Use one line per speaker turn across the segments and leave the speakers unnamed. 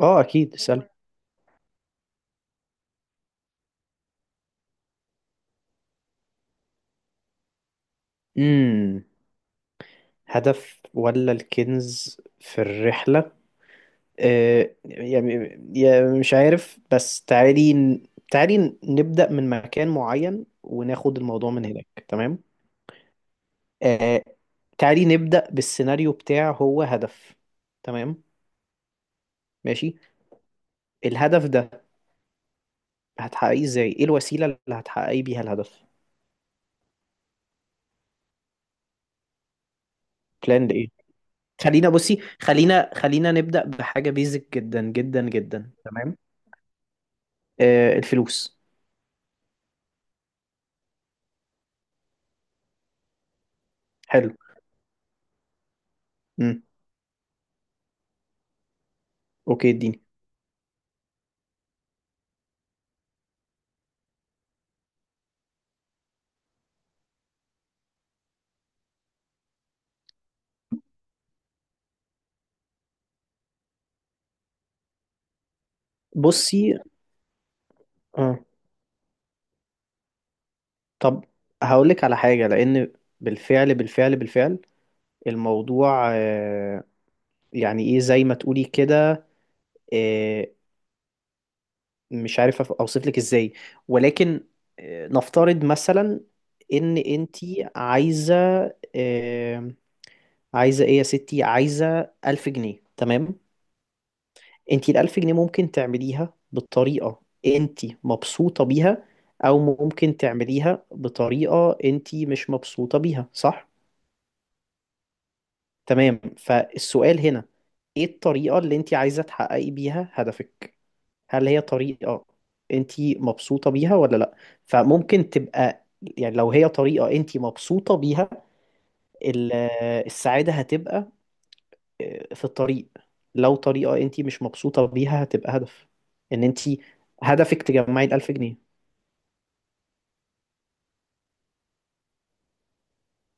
اه، اكيد اسأل. امم هدف ولا الكنز في الرحلة؟ آه يعني يعني مش عارف، بس تعالي تعالي نبدأ من مكان معين وناخد الموضوع من هناك. تمام؟ آه تعالي نبدأ بالسيناريو بتاع هو هدف. تمام. ماشي. الهدف ده هتحققيه ازاي؟ ايه الوسيلة اللي هتحققي بيها الهدف؟ بلان ايه؟ خلينا بصي، خلينا نبدأ بحاجة بيزك جدا جدا جدا. تمام. الفلوس. حلو. امم اوكي، اديني. بصي، اه طب هقولك على حاجة، لأن بالفعل بالفعل بالفعل الموضوع، يعني ايه، زي ما تقولي كده. آه مش عارف اوصف لك ازاي، ولكن نفترض مثلا ان انتي عايزة، آه عايزة ايه يا ستي، عايزة ألف جنيه. تمام. انت الألف جنيه ممكن تعمليها بالطريقة انت مبسوطة بيها، أو ممكن تعمليها بطريقة انت مش مبسوطة بيها، صح؟ تمام، فالسؤال هنا، ايه الطريقة اللي انت عايزة تحققي بيها هدفك؟ هل هي طريقة انت مبسوطة بيها ولا لأ؟ فممكن تبقى، يعني لو هي طريقة انت مبسوطة بيها ال- السعادة هتبقى في الطريق. لو طريقة انت مش مبسوطة بيها هتبقى هدف، ان انت هدفك تجمعي الألف جنيه.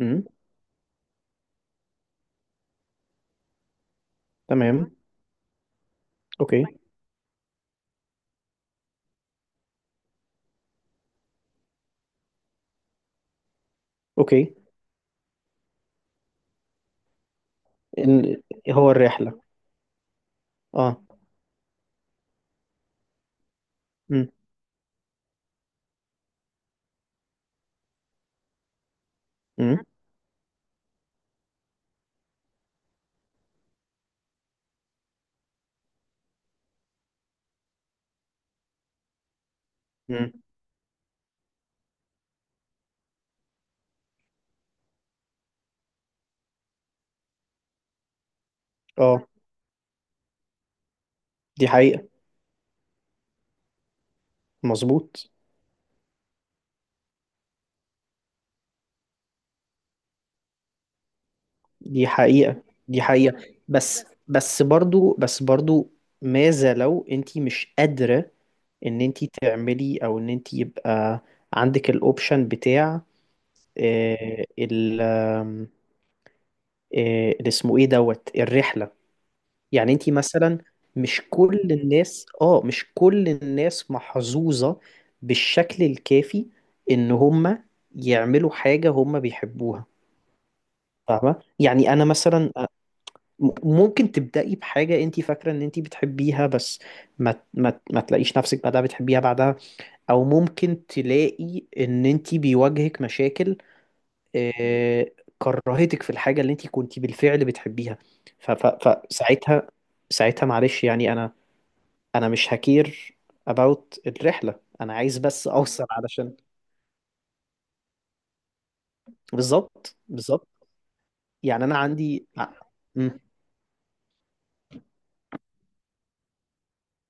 امم. تمام. اوكي اوكي. ال- هو الرحلة. اه. امم. امم. امم. اه. دي حقيقة، مظبوط. دي حقيقة، دي حقيقة، بس بس برضو، بس برضو، ماذا لو انت مش قادرة ان انت تعملي، او ان انت يبقى عندك الاوبشن بتاع، ال، اللي اسمه ايه دوت الرحله. يعني انت مثلا، مش كل الناس، اه مش كل الناس محظوظه بالشكل الكافي ان هم يعملوا حاجه هم بيحبوها، فاهمه؟ يعني انا مثلا ممكن تبداي بحاجه انت فاكره ان انت بتحبيها، بس ما تلاقيش نفسك بعدها بتحبيها بعدها، او ممكن تلاقي ان انت بيواجهك مشاكل آه، كرهتك في الحاجة اللي انت كنت بالفعل بتحبيها. فساعتها، ساعتها معلش، يعني انا، انا مش هكير about الرحلة، انا عايز بس اوصل علشان بالظبط، بالظبط. يعني انا عندي م-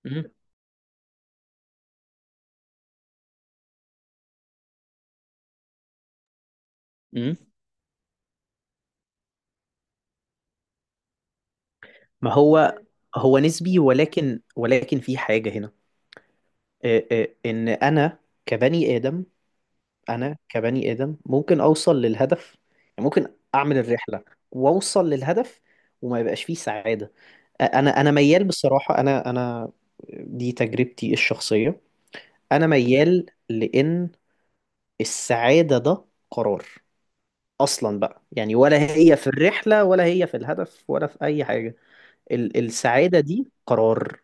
م- م. ما هو، هو نسبي، ولكن ولكن في حاجة هنا، ان انا كبني آدم، انا كبني ادم ممكن اوصل للهدف، يعني ممكن اعمل الرحله واوصل للهدف وما يبقاش فيه سعاده. انا انا ميال بصراحه، انا انا دي تجربتي الشخصيه. انا ميال لان السعاده ده قرار اصلا بقى، يعني ولا هي في الرحله ولا هي في الهدف ولا في اي حاجه. ال السعاده دي قرار.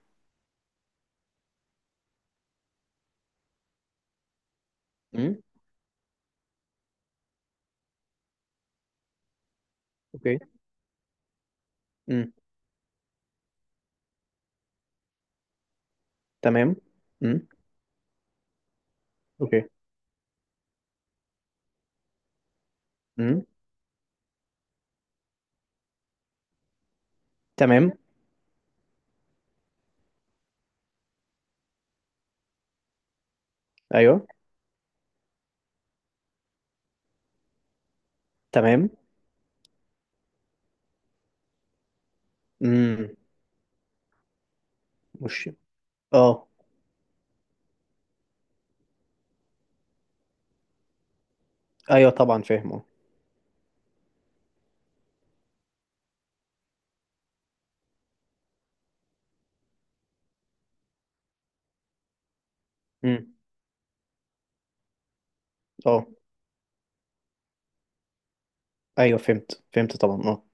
امم. اوكي. امم. تمام. امم. اوكي. امم. تمام. ايوه، تمام. امم. مش. اه. ايوه طبعا فاهم. اه. امم. اه. ايوه، فهمت، فهمت طبعا. اه.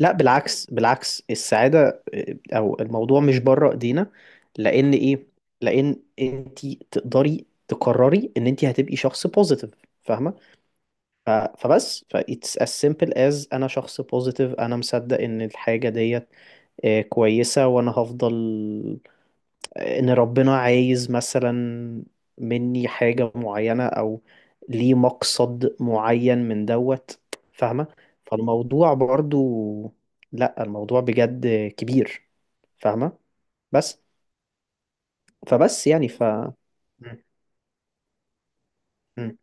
لا بالعكس، بالعكس، السعاده، او الموضوع مش بره ايدينا، لان ايه؟ لان انت تقدري تقرري ان انت هتبقي شخص بوزيتيف، فاهمه؟ ف- فبس ف it's as simple as انا شخص بوزيتيف، انا مصدق ان الحاجه ديت كويسه، وانا هفضل ان ربنا عايز مثلا مني حاجة معينة، او ليه مقصد معين من دوت، فاهمة؟ فالموضوع برضو، لا الموضوع بجد كبير، فاهمة؟ بس، فبس يعني ف مم. مم.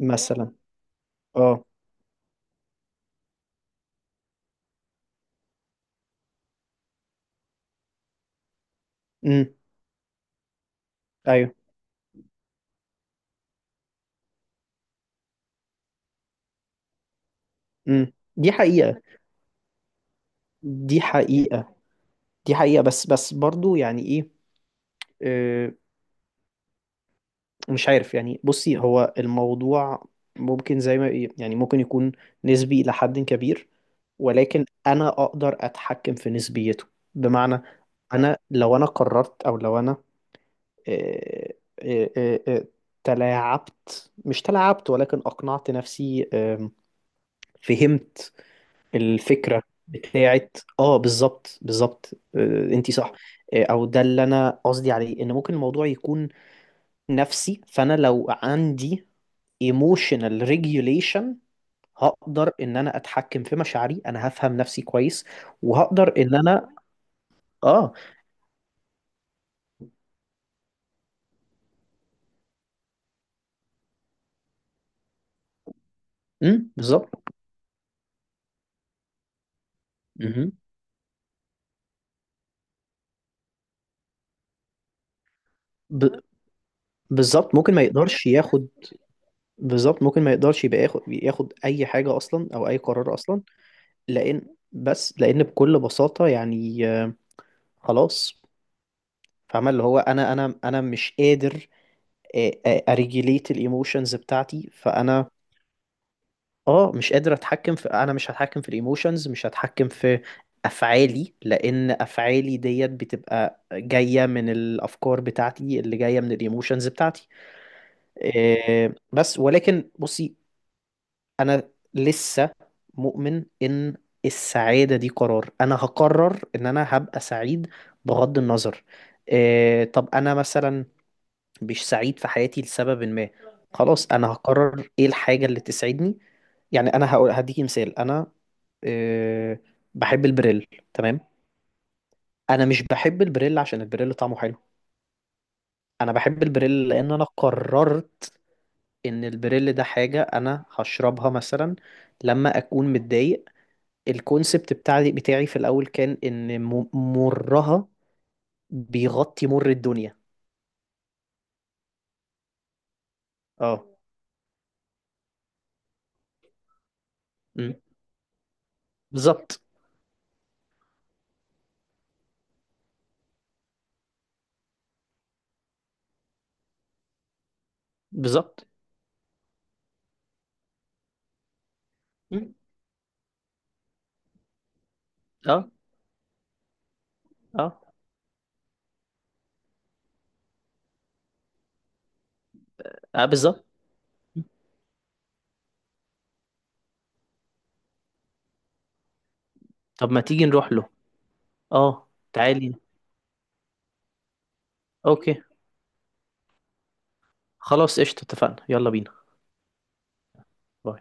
مثلا. اه. امم. ايوه. امم. دي حقيقة، دي حقيقة، دي حقيقة، بس بس برضو، يعني ايه؟ آه، مش عارف، يعني بصي، هو الموضوع ممكن زي ما يعني ممكن يكون نسبي إلى حد كبير، ولكن أنا أقدر أتحكم في نسبيته، بمعنى، أنا لو أنا قررت، أو لو أنا آه، آه، آه، آه، تلاعبت، مش تلاعبت، ولكن أقنعت نفسي، فهمت الفكرة بتاعت. اه بالظبط، بالظبط، انت صح. او ده اللي انا قصدي عليه، ان ممكن الموضوع يكون نفسي، فانا لو عندي emotional regulation هقدر ان انا اتحكم في مشاعري، انا هفهم نفسي كويس، وهقدر ان انا. اه. امم. بالظبط. مهم. ب... بالظبط، ممكن ما يقدرش ياخد. بالظبط، ممكن ما يقدرش يبقى ياخد، اي حاجة اصلا، او اي قرار اصلا. لان، بس لان بكل بساطة، يعني خلاص، فاهمة اللي هو انا، مش قادر اريجيليت الايموشنز بتاعتي. فانا اه مش قادر اتحكم في، انا مش هتحكم في الايموشنز، مش هتحكم في افعالي، لان افعالي ديت بتبقى جايه من الافكار بتاعتي اللي جايه من الايموشنز بتاعتي. إيه، بس ولكن بصي، انا لسه مؤمن ان السعاده دي قرار، انا هقرر ان انا هبقى سعيد بغض النظر. إيه، طب انا مثلا مش سعيد في حياتي لسبب ما، خلاص انا هقرر ايه الحاجه اللي تسعدني. يعني انا هقول هديكي مثال، انا آه، بحب البريل. تمام. انا مش بحب البريل عشان البريل طعمه حلو، انا بحب البريل لان انا قررت ان البريل ده حاجة انا هشربها مثلا لما اكون متضايق. الكونسبت بتاعي في الاول كان ان مرها بيغطي مر الدنيا. اه. أمم. بالظبط. بالظبط. أمم. اه، اه، اه، بالظبط. أمم. طب ما تيجي نروح له؟ اه، تعالي. اوكي، خلاص قشطة، اتفقنا، يلا بينا. باي.